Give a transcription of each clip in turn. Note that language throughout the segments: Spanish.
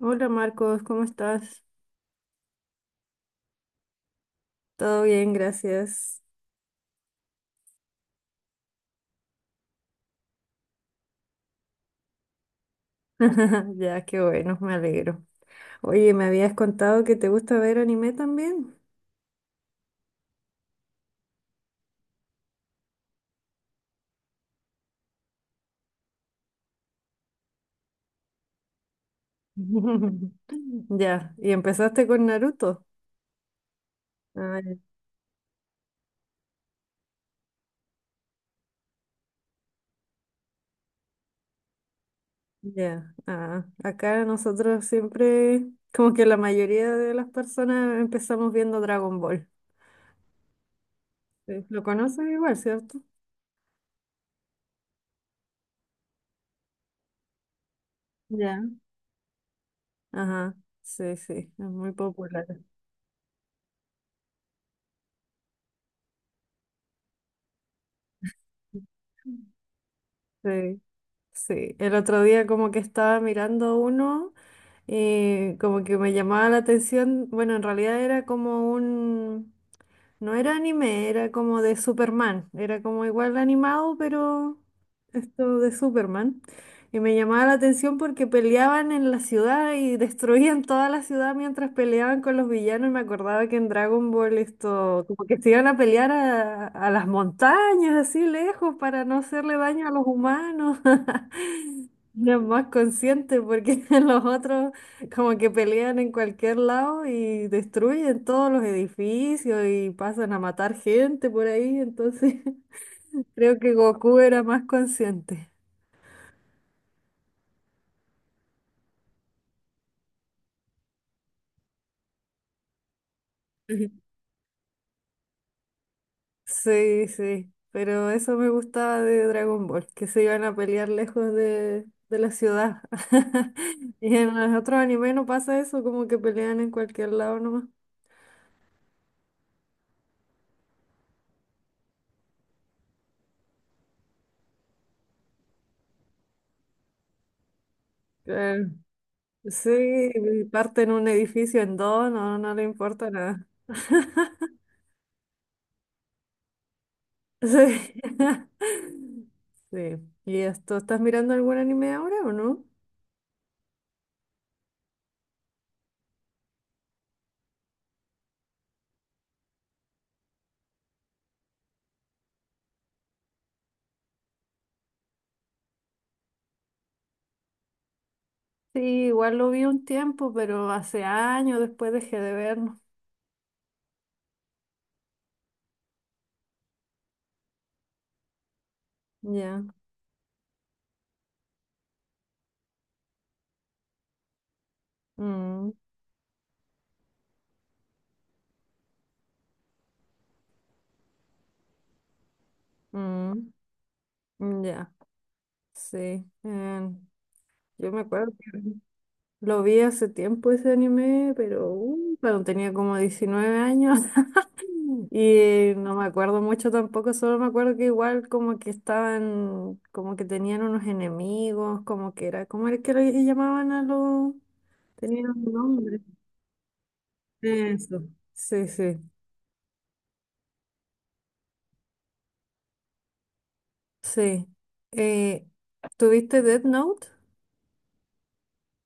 Hola Marcos, ¿cómo estás? Todo bien, gracias. Ya, qué bueno, me alegro. Oye, me habías contado que te gusta ver anime también. Ya, y empezaste con Naruto. Ah, ya. Ah, acá nosotros siempre, como que la mayoría de las personas empezamos viendo Dragon Ball. Sí, lo conoces igual, ¿cierto? Ya. Ajá, sí, sí, es muy popular. Sí, sí. El otro día como que estaba mirando uno, y como que me llamaba la atención. Bueno, en realidad era como un, no era anime, era como de Superman, era como igual animado, pero esto de Superman. Y me llamaba la atención porque peleaban en la ciudad y destruían toda la ciudad mientras peleaban con los villanos. Y me acordaba que en Dragon Ball esto, como que se iban a pelear a las montañas, así lejos, para no hacerle daño a los humanos. Era más conscientes porque los otros... Como que pelean en cualquier lado y destruyen todos los edificios y pasan a matar gente por ahí, entonces creo que Goku era más consciente. Ujú. Sí, sí, pero eso me gustaba de Dragon Ball, que se iban a pelear lejos de la ciudad. Y en los otros animes no pasa eso, como que pelean en cualquier lado nomás. Claro. Sí, y parten un edificio en dos, no, no le importa nada. Sí. Sí. ¿Y esto, estás mirando algún anime ahora o no? Sí, igual lo vi un tiempo, pero hace años después dejé de verlo. Ya. Mm, mm, ya. Sí. Em, yo me acuerdo que lo vi hace tiempo ese anime, pero cuando tenía como 19 años. Y no me acuerdo mucho tampoco, solo me acuerdo que igual como que estaban, como que tenían unos enemigos, como que era, ¿cómo era que le llamaban a los? Tenían un nombre. Eso. Sí, sí, sí. Eh, ¿Tuviste Death Note?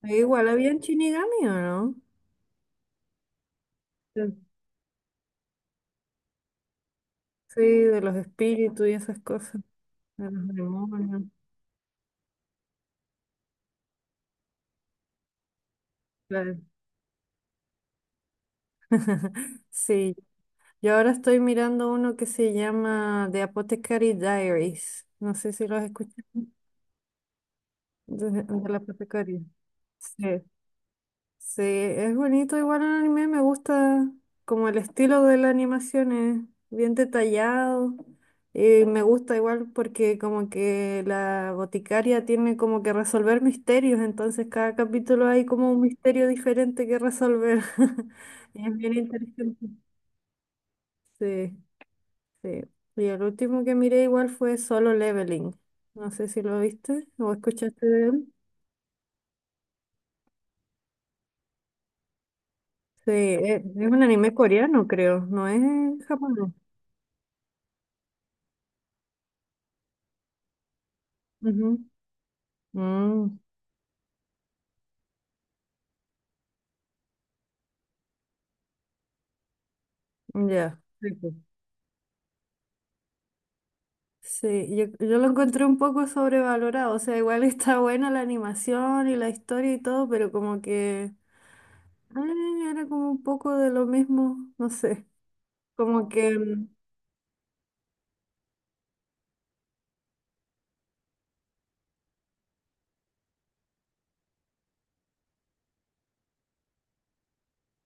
Ahí igual había en Shinigami, ¿o no? Sí, sí, de los espíritus y esas cosas, de los demonios. Claro. Sí, yo ahora estoy mirando uno que se llama The Apothecary Diaries. No sé si lo has escuchado. De la apotecaria. Sí, sí, es bonito igual el anime, me gusta como el estilo de la animación es bien detallado y me gusta igual porque como que la boticaria tiene como que resolver misterios, entonces cada capítulo hay como un misterio diferente que resolver. Y es bien interesante. Sí. Sí. Y el último que miré igual fue Solo Leveling. No sé si lo viste o escuchaste de él. Sí, es un anime coreano, creo, no es japonés. Ujú. Mm, ya. Sí, pues. Sí, yo lo encontré un poco sobrevalorado, o sea, igual está buena la animación y la historia y todo, pero como que ah, era como un poco de lo mismo, no sé, como que mm,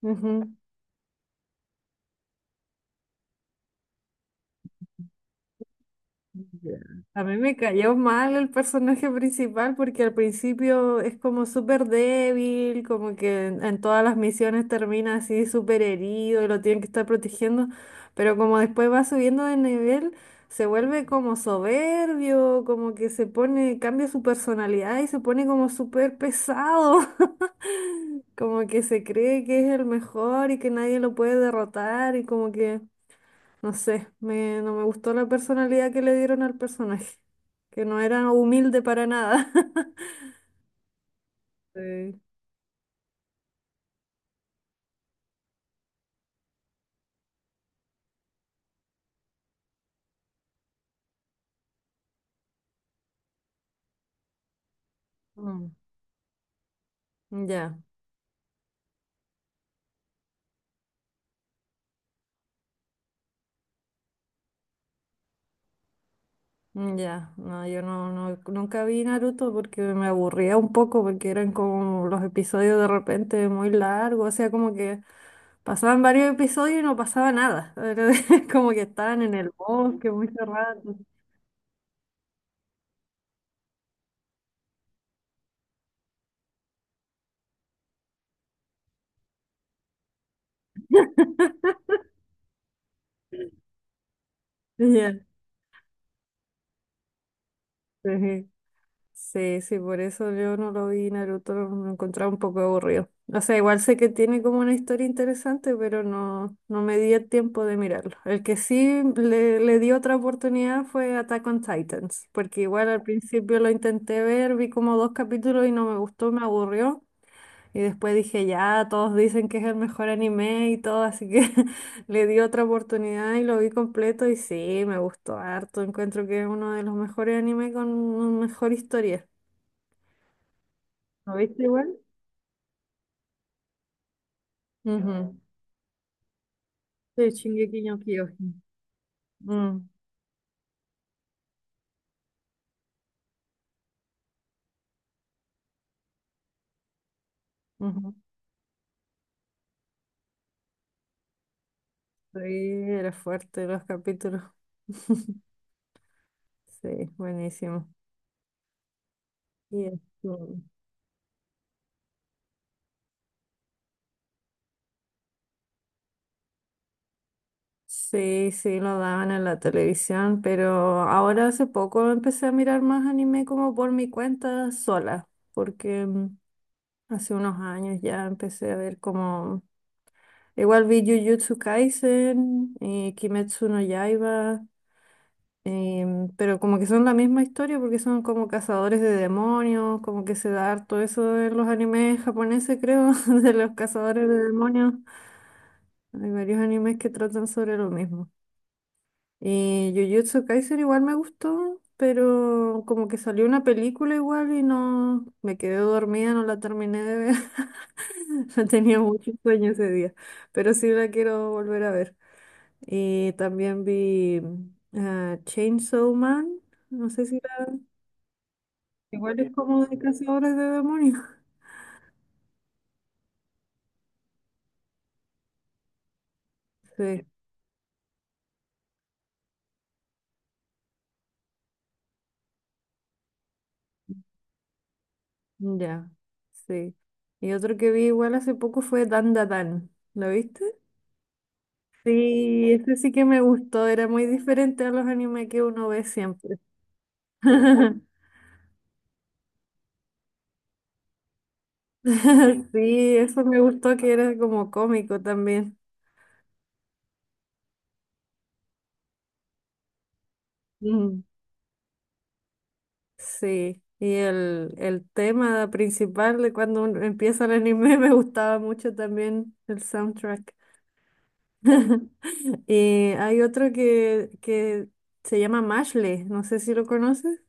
ujú. Ya. A mí me cayó mal el personaje principal porque al principio es como súper débil, como que en todas las misiones termina así súper herido y lo tienen que estar protegiendo, pero como después va subiendo de nivel, se vuelve como soberbio, como que se pone, cambia su personalidad y se pone como súper pesado, como que se cree que es el mejor y que nadie lo puede derrotar y como que... No sé, me, no me gustó la personalidad que le dieron al personaje, que no era humilde para nada. Sí. Mm. Ya, mm, ya, no, yo no, no, nunca vi Naruto porque me aburría un poco, porque eran como los episodios de repente muy largos, o sea, como que pasaban varios episodios y no pasaba nada, era como que estaban en el bosque mucho rato. Ya, sí. Sí. Sí, sí, por eso yo no lo vi, Naruto lo encontraba un poco aburrido. O sea, igual sé que tiene como una historia interesante, pero no, no me di el tiempo de mirarlo. El que sí le di otra oportunidad fue Attack on Titans, porque igual al principio lo intenté ver, vi como dos capítulos y no me gustó, me aburrió. Y después dije, ya, todos dicen que es el mejor anime y todo, así que le di otra oportunidad y lo vi completo y sí, me gustó harto. Encuentro que es uno de los mejores animes con mejor historia. ¿No viste igual? Ujú, de Shingeki no Kyojin. Mm, ujú. Sí, era fuerte los capítulos. Sí, buenísimo. Y esto, sí, sí, lo daban en la televisión, pero ahora hace poco empecé a mirar más anime como por mi cuenta sola, porque mm, hace unos años ya empecé a ver como... Igual vi Jujutsu Kaisen y Kimetsu no Yaiba. Pero como que son la misma historia porque son como cazadores de demonios, como que se da harto eso en los animes japoneses, creo, de los cazadores de demonios. Hay varios animes que tratan sobre lo mismo. Y Jujutsu Kaisen igual me gustó, pero como que salió una película igual y no me quedé dormida, no la terminé de ver. No tenía mucho sueño ese día, pero sí la quiero volver a ver. Y también vi Chainsaw Man. No sé si. Igual es como de cazadores de demonios. Sí, ya, sí. Y otro que vi igual hace poco fue Dan Da Dan. ¿Lo viste? Sí, ese sí que me gustó. Era muy diferente a los animes que uno ve siempre. Sí, eso me gustó que era como cómico también. Mm, sí, y el tema principal de cuando un- empieza el anime me gustaba mucho también el soundtrack. Y hay otro que se llama Mashle, no sé si lo conoces.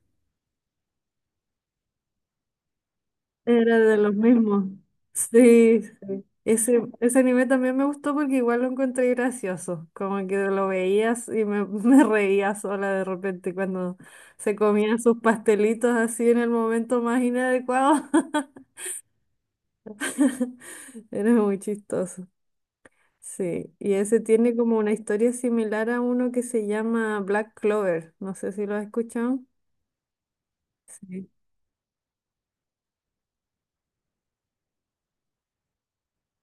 Era de los mismos. Sí, sí. Ese anime también me gustó porque igual lo encontré gracioso. Como que lo veías y me, me reía sola de repente cuando se comían sus pastelitos así en el momento más inadecuado. Era muy chistoso. Sí, y ese tiene como una historia similar a uno que se llama Black Clover. No sé si lo has escuchado. Sí.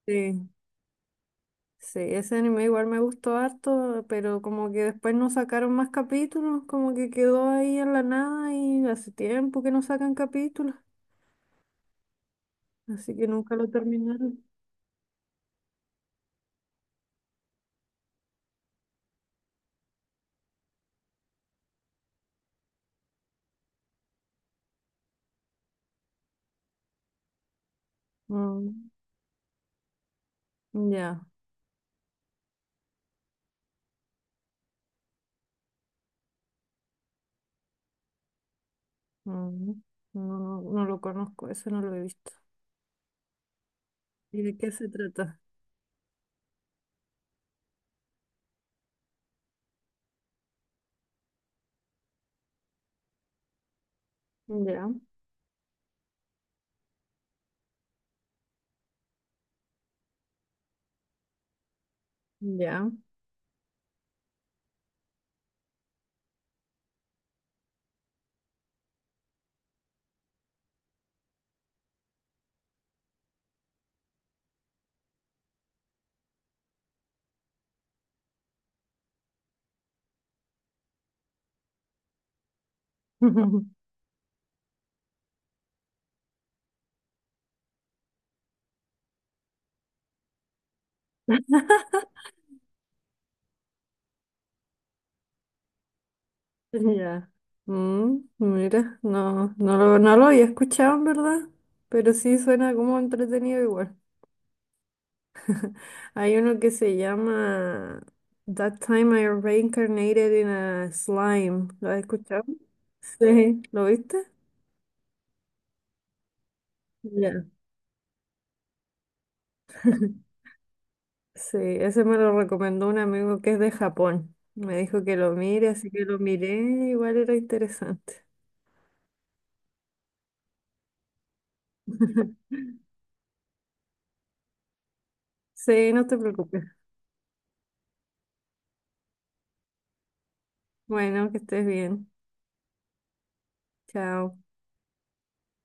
Sí, sí, ese anime igual me gustó harto, pero como que después no sacaron más capítulos, como que quedó ahí en la nada y hace tiempo que no sacan capítulos, así que nunca lo terminaron. Mm, ya, mm, no, no lo conozco, ese no lo he visto. ¿Y de qué se trata? Ya, ya. Ya. Mm, mira, no, no lo, no lo había escuchado en verdad, pero sí suena como entretenido igual. Hay uno que se llama That Time I Reincarnated in a Slime. ¿Lo has escuchado? Sí. ¿Lo viste? Ya. Sí, ese me lo recomendó un amigo que es de Japón. Me dijo que lo mire, así que lo miré, igual era interesante. Sí, no te preocupes. Bueno, que estés bien. Chao.